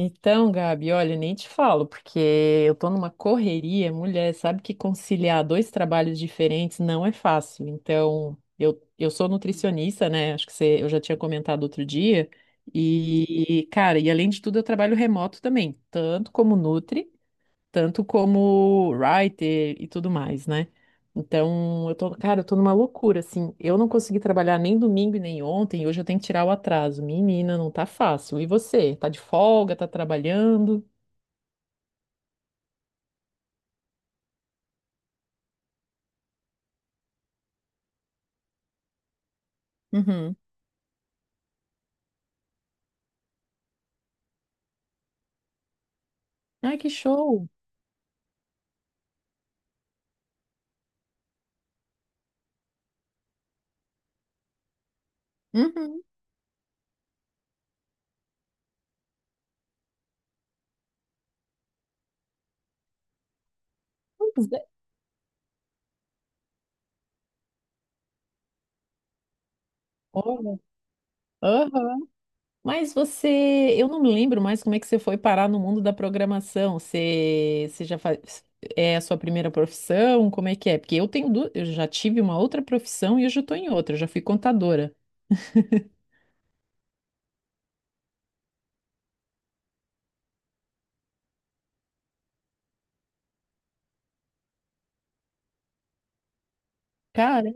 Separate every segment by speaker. Speaker 1: Então, Gabi, olha, nem te falo, porque eu tô numa correria, mulher, sabe que conciliar dois trabalhos diferentes não é fácil. Então, eu sou nutricionista, né? Acho que você, eu já tinha comentado outro dia. E, cara, e além de tudo, eu trabalho remoto também, tanto como writer e tudo mais, né? Então, cara, eu tô numa loucura, assim. Eu não consegui trabalhar nem domingo e nem ontem, e hoje eu tenho que tirar o atraso. Menina, não tá fácil. E você? Tá de folga, tá trabalhando? Uhum. Ai, que show! Uhum. Pois é. Olha. Aham. Mas você, eu não me lembro mais como é que você foi parar no mundo da programação. Você já faz, é a sua primeira profissão? Como é que é? Porque eu tenho, eu já tive uma outra profissão e hoje eu estou em outra, eu já fui contadora. Cara.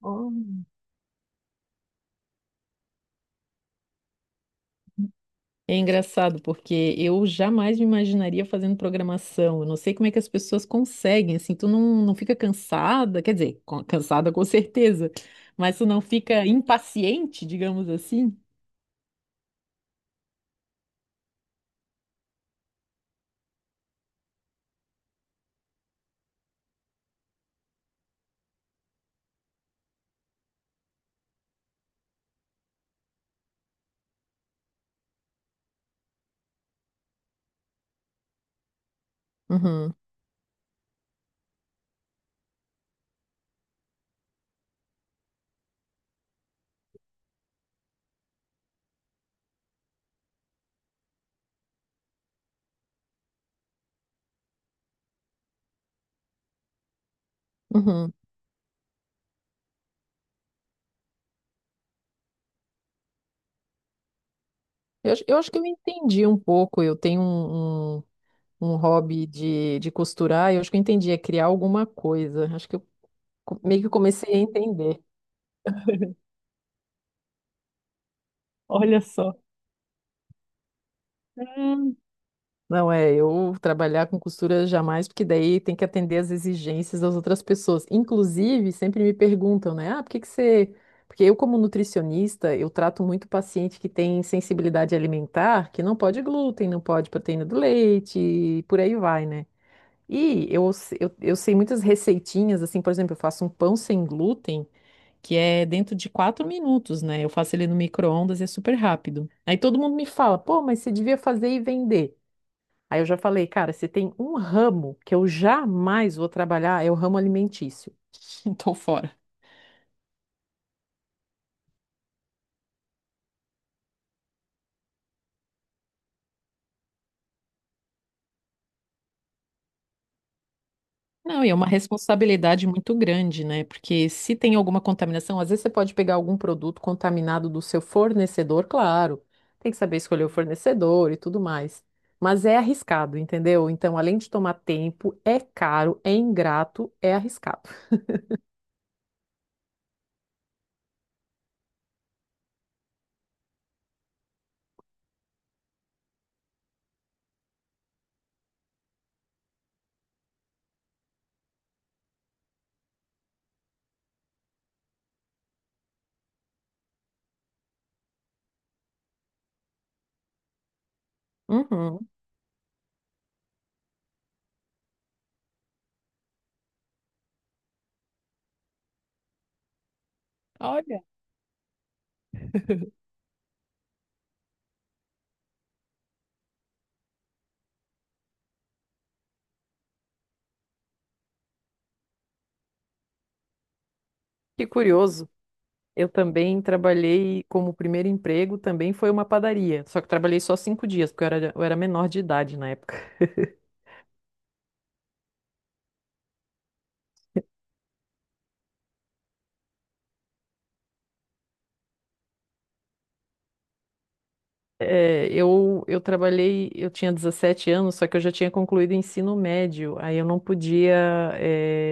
Speaker 1: Olha. É engraçado porque eu jamais me imaginaria fazendo programação. Eu não sei como é que as pessoas conseguem, assim, tu não fica cansada, quer dizer, cansada com certeza, mas tu não fica impaciente, digamos assim. Uhum, uhum. Eu acho que eu entendi um pouco. Eu tenho um hobby de costurar, eu acho que eu entendi, é criar alguma coisa. Acho que eu meio que comecei a entender. Olha só. Não é, eu trabalhar com costura jamais, porque daí tem que atender às exigências das outras pessoas. Inclusive, sempre me perguntam, né? Ah, por que que você. Porque eu, como nutricionista, eu trato muito paciente que tem sensibilidade alimentar, que não pode glúten, não pode proteína do leite, e por aí vai, né? E eu, se- eu sei muitas receitinhas, assim, por exemplo, eu faço um pão sem glúten, que é dentro de 4 minutos, né? Eu faço ele no micro-ondas e é super rápido. Aí todo mundo me fala, pô, mas você devia fazer e vender. Aí eu já falei, cara, se tem um ramo que eu jamais vou trabalhar, é o ramo alimentício. Então, fora. Não, e é uma responsabilidade muito grande, né? Porque se tem alguma contaminação, às vezes você pode pegar algum produto contaminado do seu fornecedor, claro. Tem que saber escolher o fornecedor e tudo mais. Mas é arriscado, entendeu? Então, além de tomar tempo, é caro, é ingrato, é arriscado. Uhum. Olha. Que curioso. Eu também trabalhei como primeiro emprego, também foi uma padaria. Só que trabalhei só 5 dias, porque eu era menor de idade na época. É, eu trabalhei, eu tinha 17 anos, só que eu já tinha concluído o ensino médio, aí eu não podia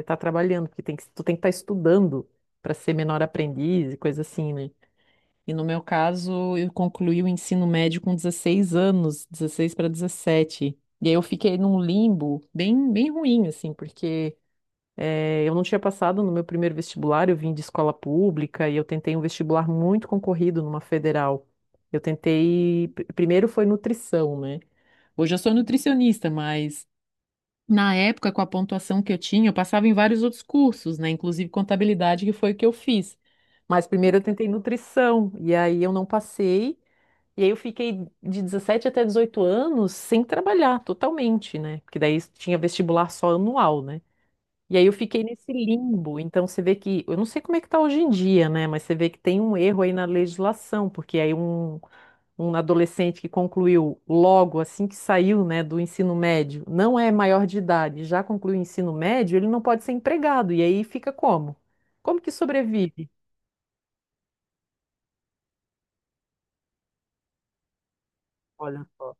Speaker 1: estar trabalhando, porque tem que, tu tem que estar estudando para ser menor aprendiz e coisa assim, né? E no meu caso, eu concluí o ensino médio com 16 anos, 16 para 17, e aí eu fiquei num limbo bem, bem ruim, assim, porque é, eu não tinha passado no meu primeiro vestibular, eu vim de escola pública e eu tentei um vestibular muito concorrido numa federal. Eu tentei, primeiro foi nutrição, né? Hoje eu sou nutricionista, mas na época, com a pontuação que eu tinha, eu passava em vários outros cursos, né? Inclusive contabilidade, que foi o que eu fiz. Mas primeiro eu tentei nutrição, e aí eu não passei, e aí eu fiquei de 17 até 18 anos sem trabalhar totalmente, né? Porque daí tinha vestibular só anual, né? E aí eu fiquei nesse limbo. Então você vê que, eu não sei como é que tá hoje em dia, né? Mas você vê que tem um erro aí na legislação, porque aí um adolescente que concluiu logo assim que saiu, né, do ensino médio, não é maior de idade, já concluiu o ensino médio, ele não pode ser empregado. E aí fica como? Como que sobrevive? Olha só.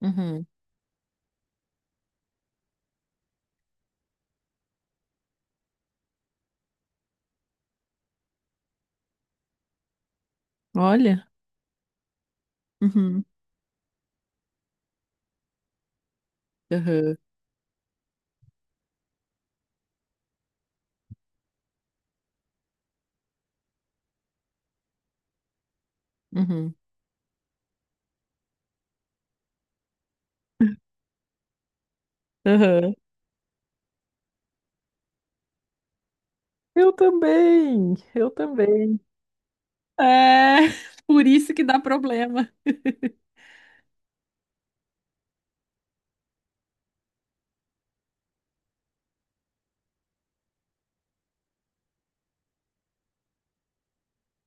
Speaker 1: Uhum. Olha. Uhum. Uhum. Uhum. Uhum. Eu também, eu também. É, por isso que dá problema.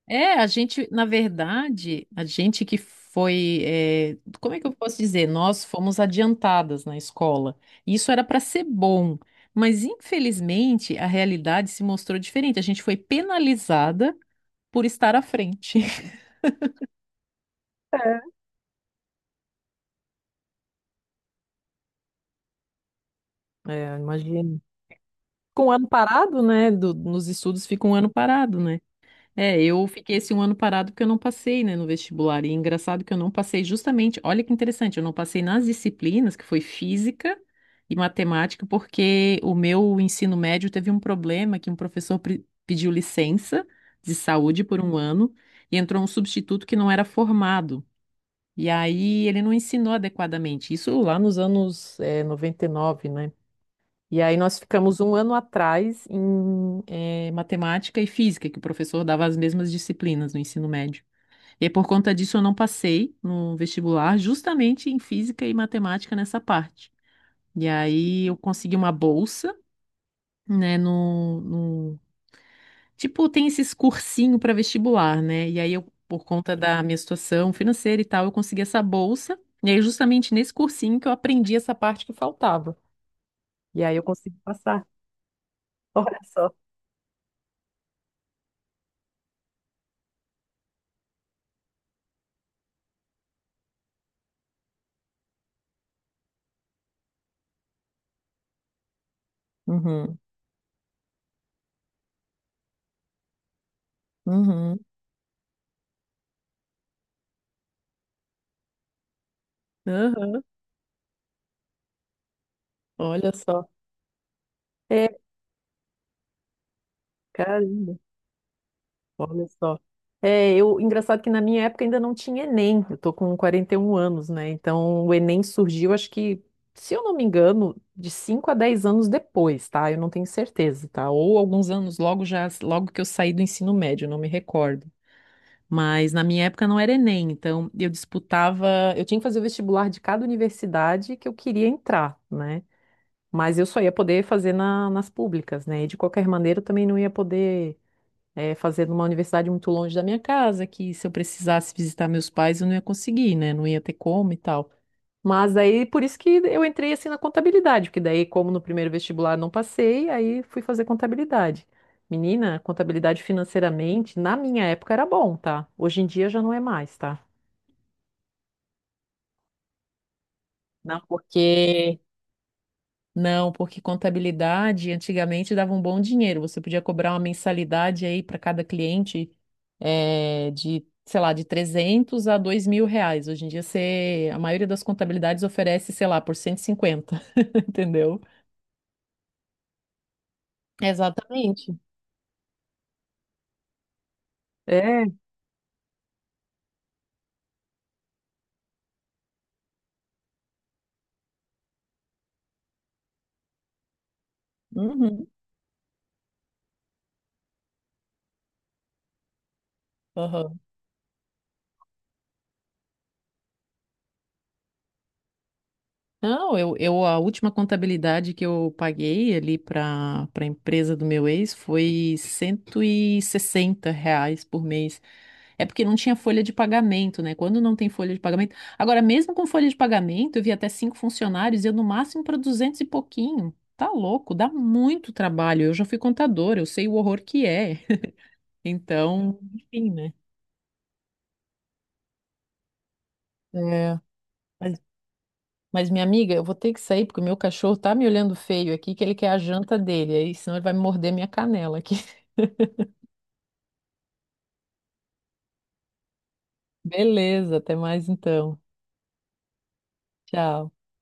Speaker 1: É, a gente, na verdade, a gente que foi, como é que eu posso dizer? Nós fomos adiantadas na escola. Isso era para ser bom, mas infelizmente a realidade se mostrou diferente. A gente foi penalizada por estar à frente. É, imagino. Com um ano parado, né? Nos estudos fica um ano parado, né? É, eu fiquei esse um ano parado porque eu não passei, né, no vestibular. E é engraçado que eu não passei justamente, olha que interessante, eu não passei nas disciplinas, que foi física e matemática, porque o meu ensino médio teve um problema que um professor pediu licença de saúde por um ano e entrou um substituto que não era formado. E aí ele não ensinou adequadamente. Isso lá nos anos, 99, né? E aí nós ficamos um ano atrás em matemática e física, que o professor dava as mesmas disciplinas no ensino médio. E por conta disso eu não passei no vestibular, justamente em física e matemática nessa parte. E aí eu consegui uma bolsa, né. Tipo, tem esses cursinho para vestibular, né? E aí eu, por conta da minha situação financeira e tal, eu consegui essa bolsa. E aí justamente nesse cursinho que eu aprendi essa parte que faltava. E aí eu consegui passar. Olha só. Uhum. Uhum, aham, olha só. É, caramba, olha só. É, eu, engraçado que na minha época ainda não tinha Enem. Eu tô com 41 anos, né? Então o Enem surgiu, acho que, se eu não me engano, de 5 a 10 anos depois, tá? Eu não tenho certeza, tá? Ou alguns anos logo já, logo que eu saí do ensino médio, eu não me recordo. Mas na minha época não era Enem, então eu disputava, eu tinha que fazer o vestibular de cada universidade que eu queria entrar, né? Mas eu só ia poder fazer nas públicas, né? E de qualquer maneira eu também não ia poder fazer numa universidade muito longe da minha casa, que se eu precisasse visitar meus pais eu não ia conseguir, né? Não ia ter como e tal. Mas aí por isso que eu entrei assim na contabilidade, porque daí, como no primeiro vestibular não passei, aí fui fazer contabilidade. Menina, contabilidade financeiramente, na minha época era bom, tá? Hoje em dia já não é mais, tá? Não, porque não, porque contabilidade antigamente dava um bom dinheiro. Você podia cobrar uma mensalidade aí para cada cliente sei lá, de 300 a 2.000 reais. Hoje em dia você, a maioria das contabilidades oferece, sei lá, por 150. Entendeu? Exatamente. É. Uhum. Aham. Não, eu a última contabilidade que eu paguei ali para a empresa do meu ex foi 160 reais por mês. É porque não tinha folha de pagamento, né? Quando não tem folha de pagamento. Agora, mesmo com folha de pagamento, eu vi até 5 funcionários, e eu no máximo para 200 e pouquinho. Tá louco, dá muito trabalho. Eu já fui contadora, eu sei o horror que é. Então, enfim, né? É, mas, mas, minha amiga, eu vou ter que sair porque o meu cachorro tá me olhando feio aqui, que ele quer a janta dele, aí senão ele vai me morder minha canela aqui. Beleza, até mais então. Tchau.